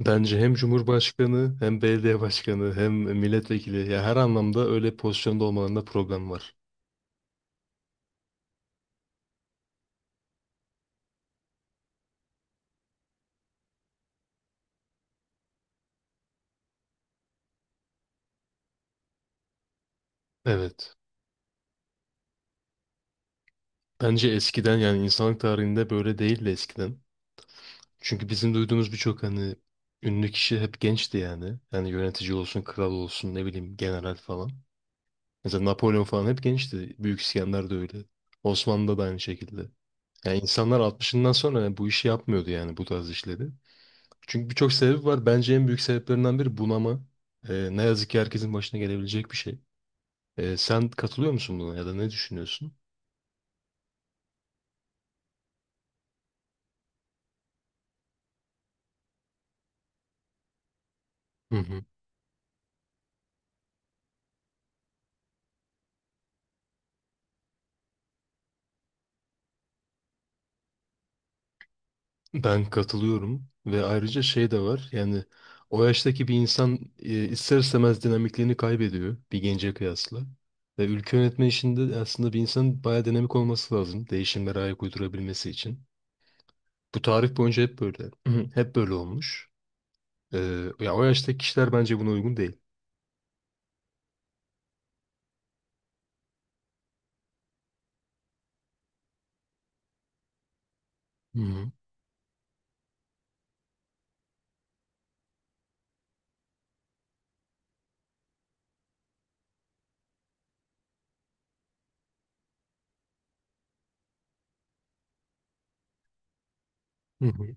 Bence hem Cumhurbaşkanı hem belediye başkanı hem milletvekili ya her anlamda öyle pozisyonda olmalarında problem var. Evet. Bence eskiden yani insanlık tarihinde böyle değildi eskiden. Çünkü bizim duyduğumuz birçok hani ünlü kişi hep gençti yani. Yani yönetici olsun, kral olsun, ne bileyim general falan. Mesela Napolyon falan hep gençti. Büyük İskender de öyle. Osmanlı'da da aynı şekilde. Yani insanlar altmışından sonra bu işi yapmıyordu yani bu tarz işleri. Çünkü birçok sebebi var. Bence en büyük sebeplerinden biri bunama. Ne yazık ki herkesin başına gelebilecek bir şey. Sen katılıyor musun buna ya da ne düşünüyorsun? Hı hı. Ben katılıyorum ve ayrıca şey de var. Yani o yaştaki bir insan ister istemez dinamikliğini kaybediyor bir gence kıyasla. Ve ülke yönetme işinde aslında bir insanın bayağı dinamik olması lazım. Değişimlere ayak uydurabilmesi için. Bu tarih boyunca hep böyle. Hı hı. Hep böyle olmuş. Ya o yaştaki kişiler bence buna uygun değil. Hı hı. Hı hı.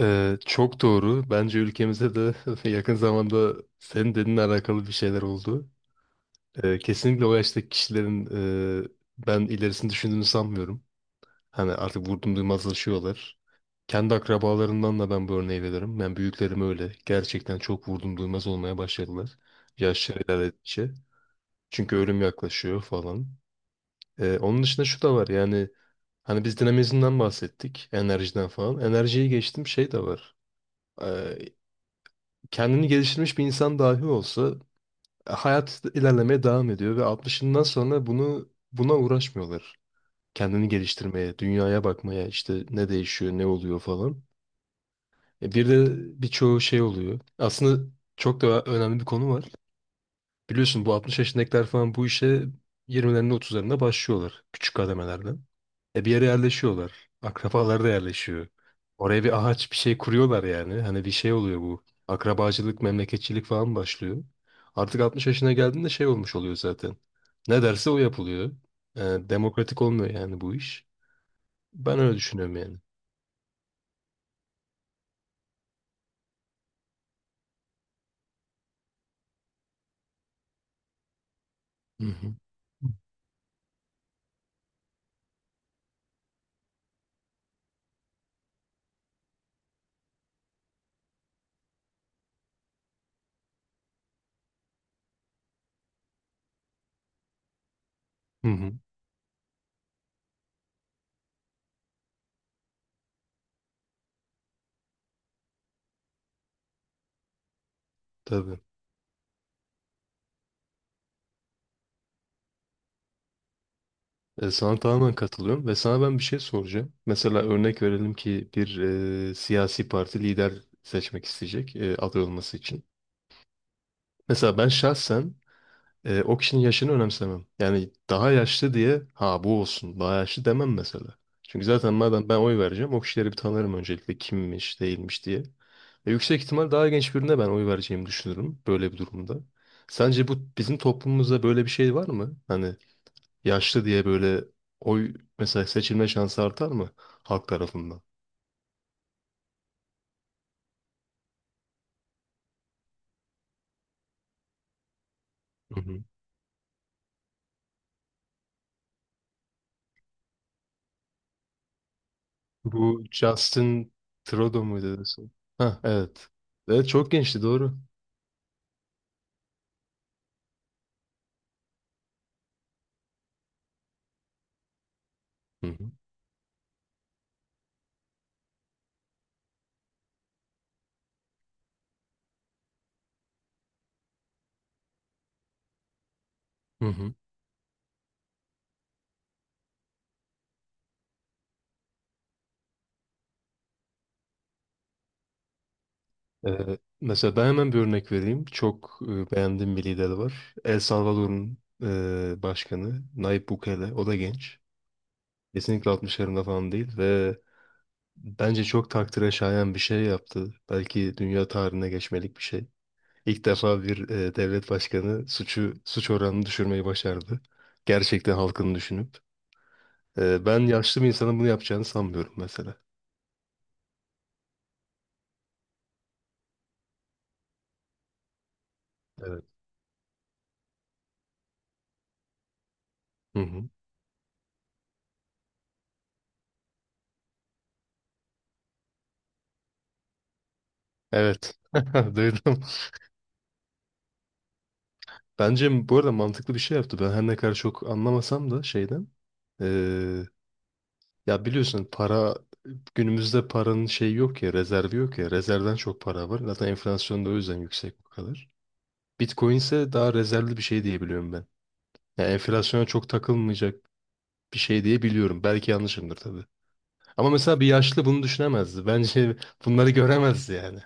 Çok doğru. Bence ülkemizde de yakın zamanda senin dediğinle alakalı bir şeyler oldu. Kesinlikle o yaştaki kişilerin e, ben ilerisini düşündüğünü sanmıyorum. Hani artık vurdum duymazlaşıyorlar. Kendi akrabalarından da ben bu örneği veririm. Ben büyüklerim öyle. Gerçekten çok vurdum duymaz olmaya başladılar. Yaşları ilerledikçe. Çünkü ölüm yaklaşıyor falan. Onun dışında şu da var yani hani biz dinamizmden bahsettik. Enerjiden falan. Enerjiyi geçtim şey de var. Kendini geliştirmiş bir insan dahi olsa hayat ilerlemeye devam ediyor ve 60'ından sonra buna uğraşmıyorlar. Kendini geliştirmeye, dünyaya bakmaya, işte ne değişiyor, ne oluyor falan. E, bir de birçoğu şey oluyor. Aslında çok da önemli bir konu var. Biliyorsun bu 60 yaşındakiler falan bu işe 20'lerinde 30'larında başlıyorlar küçük kademelerden. E bir yere yerleşiyorlar. Akrabalar da yerleşiyor. Oraya bir ağaç bir şey kuruyorlar yani. Hani bir şey oluyor bu. Akrabacılık, memleketçilik falan başlıyor. Artık 60 yaşına geldiğinde şey olmuş oluyor zaten. Ne derse o yapılıyor. E, demokratik olmuyor yani bu iş. Ben öyle düşünüyorum yani. Hı hı. Hı hı. Tabii. Sana tamamen katılıyorum ve sana ben bir şey soracağım. Mesela örnek verelim ki bir siyasi parti lider seçmek isteyecek aday olması için. Mesela ben şahsen o kişinin yaşını önemsemem. Yani daha yaşlı diye ha bu olsun daha yaşlı demem mesela. Çünkü zaten madem ben oy vereceğim o kişileri bir tanırım öncelikle kimmiş değilmiş diye. Ve yüksek ihtimal daha genç birine ben oy vereceğimi düşünürüm böyle bir durumda. Sence bu bizim toplumumuzda böyle bir şey var mı? Hani yaşlı diye böyle oy mesela seçilme şansı artar mı halk tarafından? Hı hı. Bu Justin Trudeau muydu? Dedesi? Ha evet. Evet çok gençti doğru. Hı hı. Hı hı. Mesela ben hemen bir örnek vereyim. Çok beğendiğim bir lider var. El Salvador'un başkanı Nayib Bukele. O da genç. Kesinlikle 60'larında falan değil ve bence çok takdire şayan bir şey yaptı. Belki dünya tarihine geçmelik bir şey. İlk defa bir devlet başkanı suç oranını düşürmeyi başardı. Gerçekten halkını düşünüp. Ben yaşlı bir insanın bunu yapacağını sanmıyorum mesela. Evet. Hı hı. Evet. Duydum. Bence bu arada mantıklı bir şey yaptı. Ben her ne kadar çok anlamasam da şeyden. e, Ya biliyorsun para günümüzde paranın şeyi yok ya rezervi yok ya. Rezervden çok para var. Zaten enflasyon da o yüzden yüksek bu kadar. Bitcoin ise daha rezervli bir şey diyebiliyorum ben. Yani enflasyona çok takılmayacak bir şey diye biliyorum. Belki yanlışımdır tabii. Ama mesela bir yaşlı bunu düşünemezdi. Bence bunları göremezdi yani.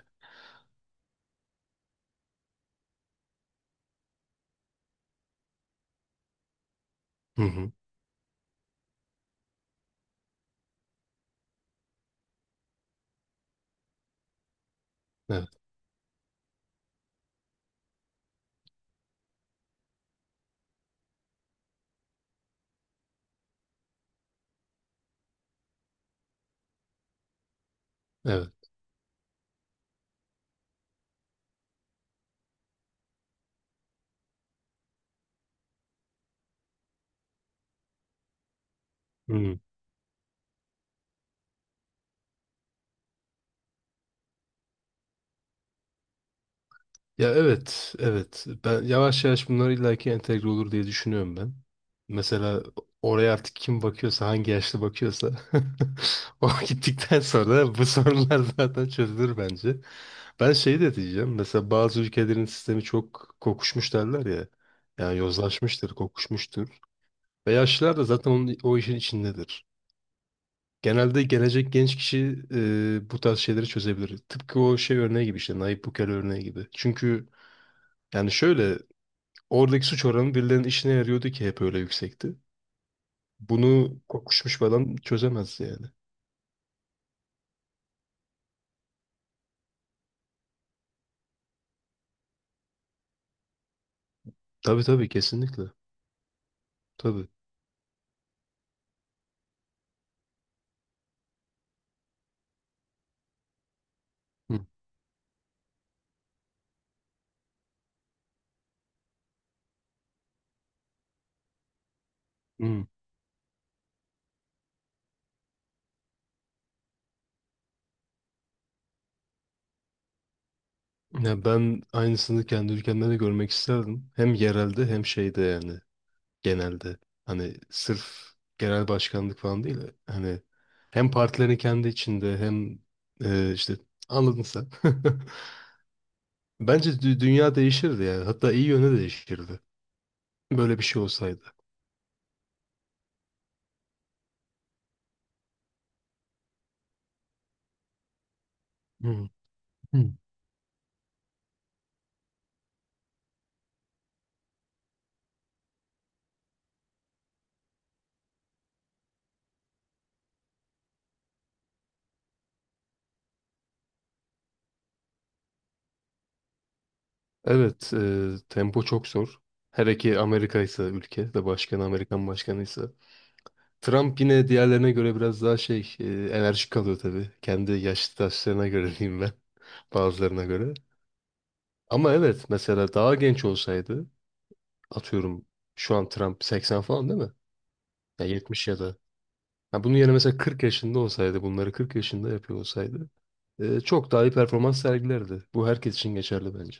Hı hı. Evet, evet. Hı. Ya evet, evet. Ben yavaş yavaş bunlar illaki entegre olur diye düşünüyorum ben. Mesela oraya artık kim bakıyorsa, hangi yaşlı bakıyorsa o gittikten sonra bu sorunlar zaten çözülür bence. Ben şey de diyeceğim. Mesela bazı ülkelerin sistemi çok kokuşmuş derler ya. Yani yozlaşmıştır, kokuşmuştur. Ve yaşlılar da zaten o işin içindedir. Genelde gelecek genç kişi bu tarz şeyleri çözebilir. Tıpkı o şey örneği gibi işte Nayib Bukele örneği gibi. Çünkü yani şöyle oradaki suç oranı birilerinin işine yarıyordu ki hep öyle yüksekti. Bunu kokuşmuş bir adam çözemez yani. Tabii tabii kesinlikle. Tabii. Hı. Hı. Ya ben aynısını kendi ülkemde de görmek isterdim. Hem yerelde hem şeyde yani. Genelde. Hani sırf genel başkanlık falan değil. Hani hem partilerin kendi içinde hem işte anladın sen. Bence dünya değişirdi yani. Hatta iyi yöne değişirdi. Böyle bir şey olsaydı. Hı. Hı. Evet, tempo çok zor. Hele ki Amerika ise ülke ve başkanı Amerikan başkanıysa. Trump yine diğerlerine göre biraz daha şey enerjik kalıyor tabii. Kendi yaşlı taşlarına göre diyeyim ben bazılarına göre. Ama evet mesela daha genç olsaydı atıyorum şu an Trump 80 falan değil mi? Ya 70 ya da. Ha, bunun yerine mesela 40 yaşında olsaydı, bunları 40 yaşında yapıyor olsaydı çok daha iyi performans sergilerdi. Bu herkes için geçerli bence.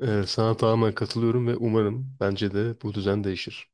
Sana tamamen katılıyorum ve umarım bence de bu düzen değişir.